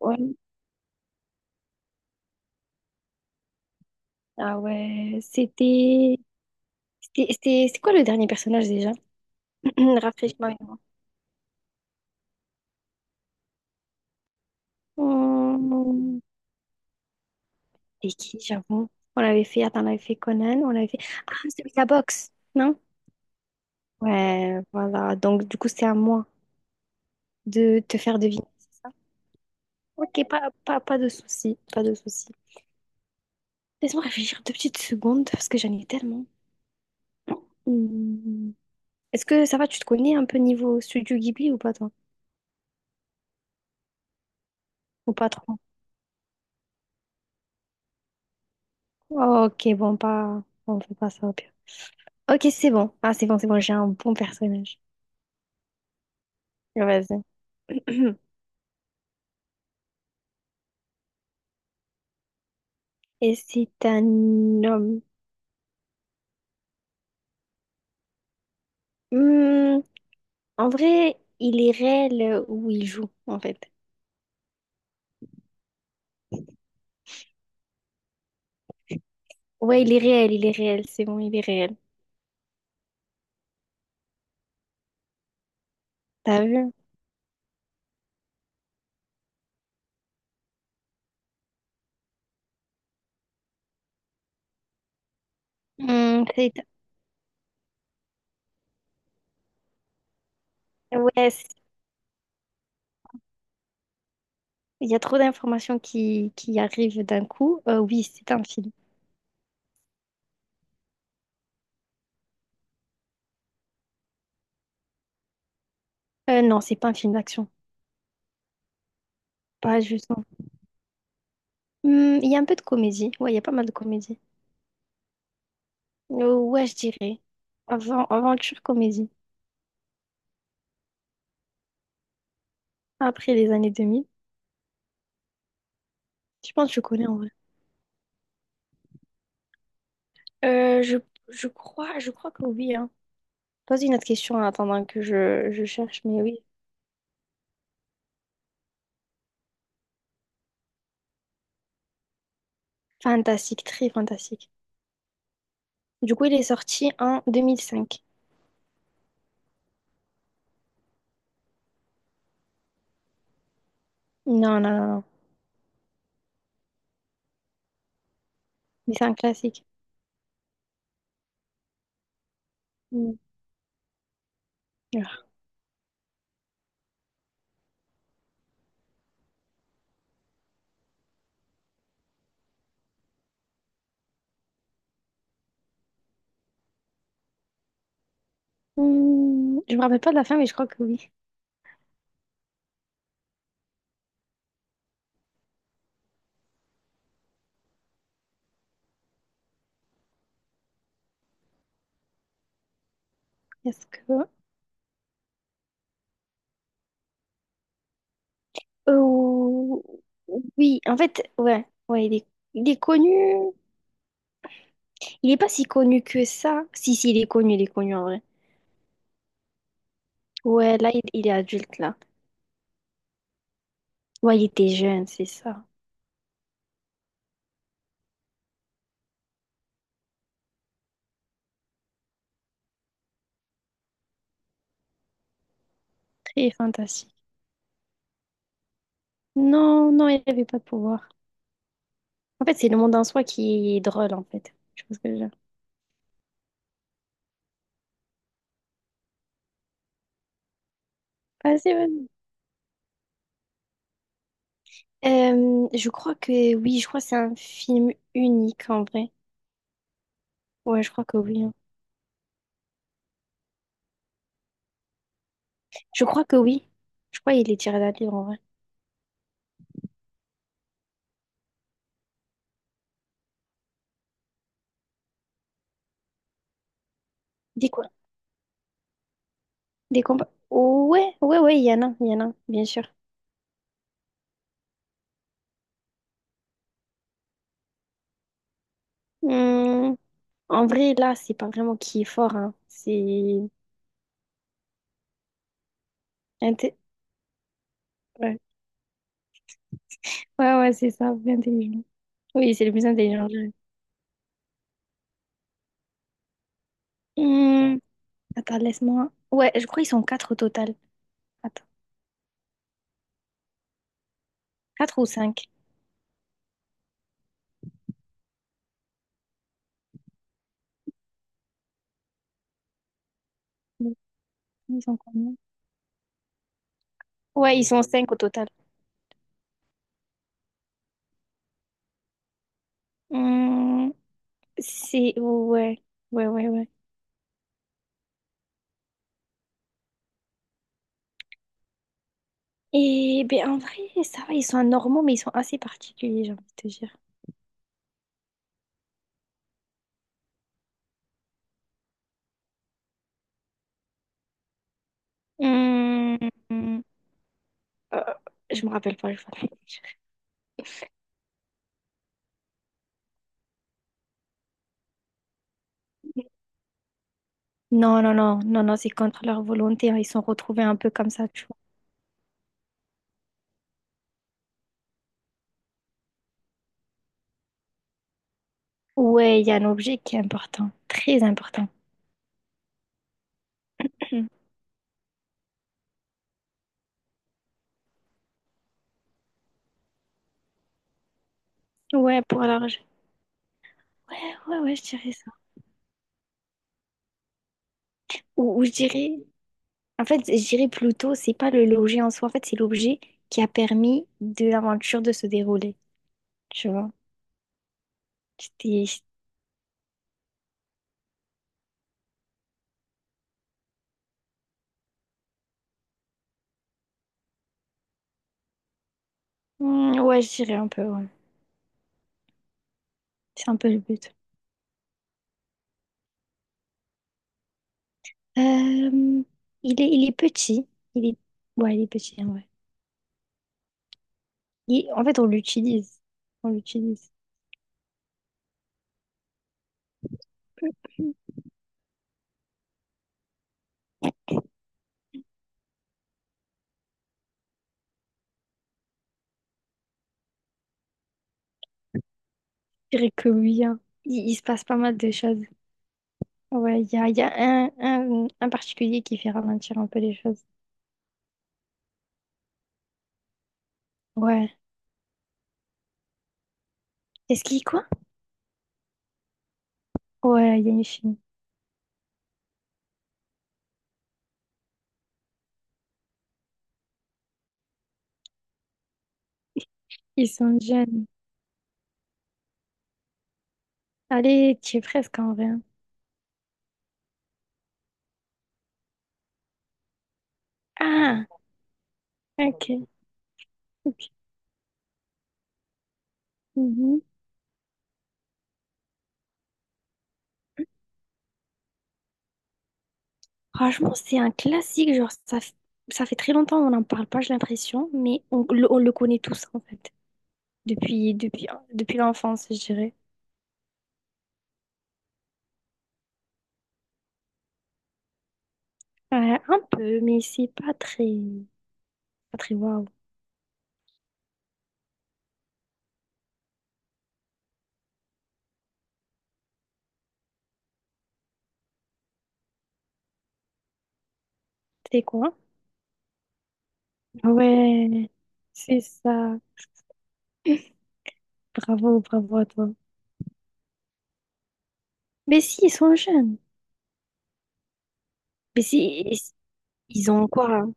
Ouais. Ah ouais, c'était... c'est quoi le dernier personnage déjà? Rafraîchis-moi. La mémoire. Hmm, C'était qui, j'avoue? On avait fait... Attends, on avait fait Conan, on avait fait... Ah, celui de la boxe, non? Ouais, voilà. Donc, du coup, c'est à moi de te faire deviner, c'est ça? Ok, pas de souci, pas de souci. Laisse-moi réfléchir deux petites secondes, parce que j'en ai tellement. Hmm. Est-ce que ça va, tu te connais un peu niveau Studio Ghibli ou pas, toi? Ou pas trop? Ok, bon, pas... On fait pas ça, au pire. Ok, c'est bon. Ah, c'est bon, j'ai un bon personnage. Vas-y. Et c'est un homme. Hmm, En vrai, il est réel où il joue, en fait. Ouais, il est réel, c'est bon, il est réel. T'as vu? Hmm, c'est... Ouais, c'est- il y a trop d'informations qui arrivent d'un coup. Oui, c'est un film. Non, c'est pas un film d'action. Pas justement. Hmm, il y a un peu de comédie. Ouais, il y a pas mal de comédie. Ouais, je dirais. Avant, aventure comédie. Après les années 2000. Je pense que je connais en vrai. Euh, je, je crois que oui, hein. Pose une autre question en attendant que je cherche, mais oui. Fantastique, très fantastique. Du coup, il est sorti en 2005. Non, non, non, non. Mais c'est un classique. Hmm. Hmm, je me rappelle pas de la fin, mais je crois que oui. Est-ce que... Oh, oui, en fait, ouais. Ouais, il est connu. Il est pas si connu que ça. Si, si, il est connu en vrai. Ouais, là, il est adulte, là. Ouais, il était jeune, c'est ça. Très fantastique. Non, non, il n'avait pas de pouvoir. En fait, c'est le monde en soi qui est drôle, en fait. Je pense que je veux dire. Vas-y, vas je crois que oui, je crois que c'est un film unique, en vrai. Ouais, je crois que oui. hein. Je crois que oui. Je crois qu'il est tiré d'un livre, en vrai. Des quoi? Des combats. Ouais, ouais, ouais, il y en a, il y en a, bien sûr. Hum, En vrai, là, c'est pas vraiment qui est fort, hein. C'est... inté- Ouais, ouais, ouais, c'est ça, intelligent. Oui, c'est le plus intelligent. Je dirais. Hum, Attends, laisse-moi. Ouais, je crois qu'ils sont quatre au total. Attends, 4 ou 5, ils sont combien? Ouais, ils sont 5 au total. Hum, c'est... Ouais, ouais, ouais, ouais. Et ben en vrai, ça va, ils sont normaux, mais ils sont assez particuliers, j'ai envie de te dire. Hum, hum, euh, je me rappelle pas, je vais pas te mentir. Non, non, non, non, non, c'est contre leur volonté. Hein, Ils sont retrouvés un peu comme ça, tu vois. Ouais, il y a un objet qui est important, très important. Ouais, pour l'argent. Ouais, ouais, ouais, je dirais ça. Ou je dirais, en fait, je dirais plutôt, c'est pas le- l'objet en soi, en fait, c'est l'objet qui a permis de l'aventure de se dérouler, tu vois. C'était... Hmm, ouais, je dirais un peu, ouais. C'est un peu le but. Euh, il est petit. Il est... Ouais, il est petit, en vrai. Il- En fait, on l'utilise. On l'utilise. Je dirais que oui, hein. Il se passe pas mal de choses. Ouais, il y a un particulier qui fait ralentir un peu les choses. Ouais. Est-ce qu'il quoi? Ouais, il y a une fille. Ils sont jeunes. Allez, tu es presque en vrai. Hein. Ah, ok. ok. Mhm. Franchement, c'est un classique. Genre, ça, f- ça fait très longtemps qu'on n'en parle pas, j'ai l'impression, mais on le connaît tous, en fait, depuis, depuis, depuis l'enfance, je dirais. Ouais, un peu, mais c'est pas très, pas très waouh. C'est quoi? Ouais, c'est ça. Bravo, bravo à toi. Mais si, ils sont jeunes. Mais si, ils ont quoi? Hein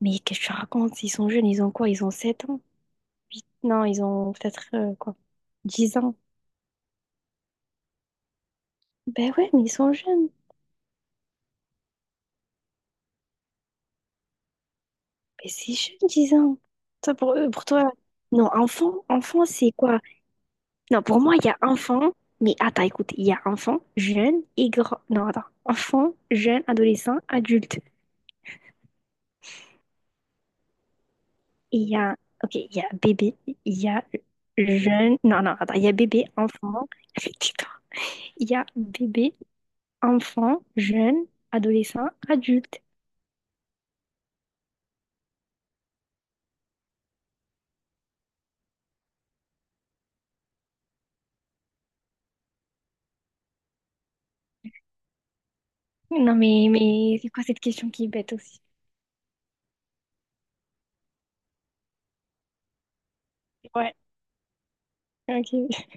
Mais qu'est-ce que tu racontes? Ils sont jeunes, ils ont quoi? Ils ont 7 ans? Huit Non, ils ont peut-être quoi? 10 ans. Ben ouais, mais ils sont jeunes. Mais c'est jeune, 10 ans. Toi, pour eux, pour toi. Non, enfant, enfant, c'est quoi? Non, pour moi, il y a enfant, mais attends, écoute, il y a enfant, jeune et grand. Non, attends. Enfant, jeune, adolescent, adulte. Et il y a, ok, il y a bébé, il y a jeune. Non, non, attends, il y a bébé, enfant. Tais-toi. Il y a bébé, enfant, jeune, adolescent, adulte. Non, mais c'est quoi cette question qui est bête aussi? Ouais, ok.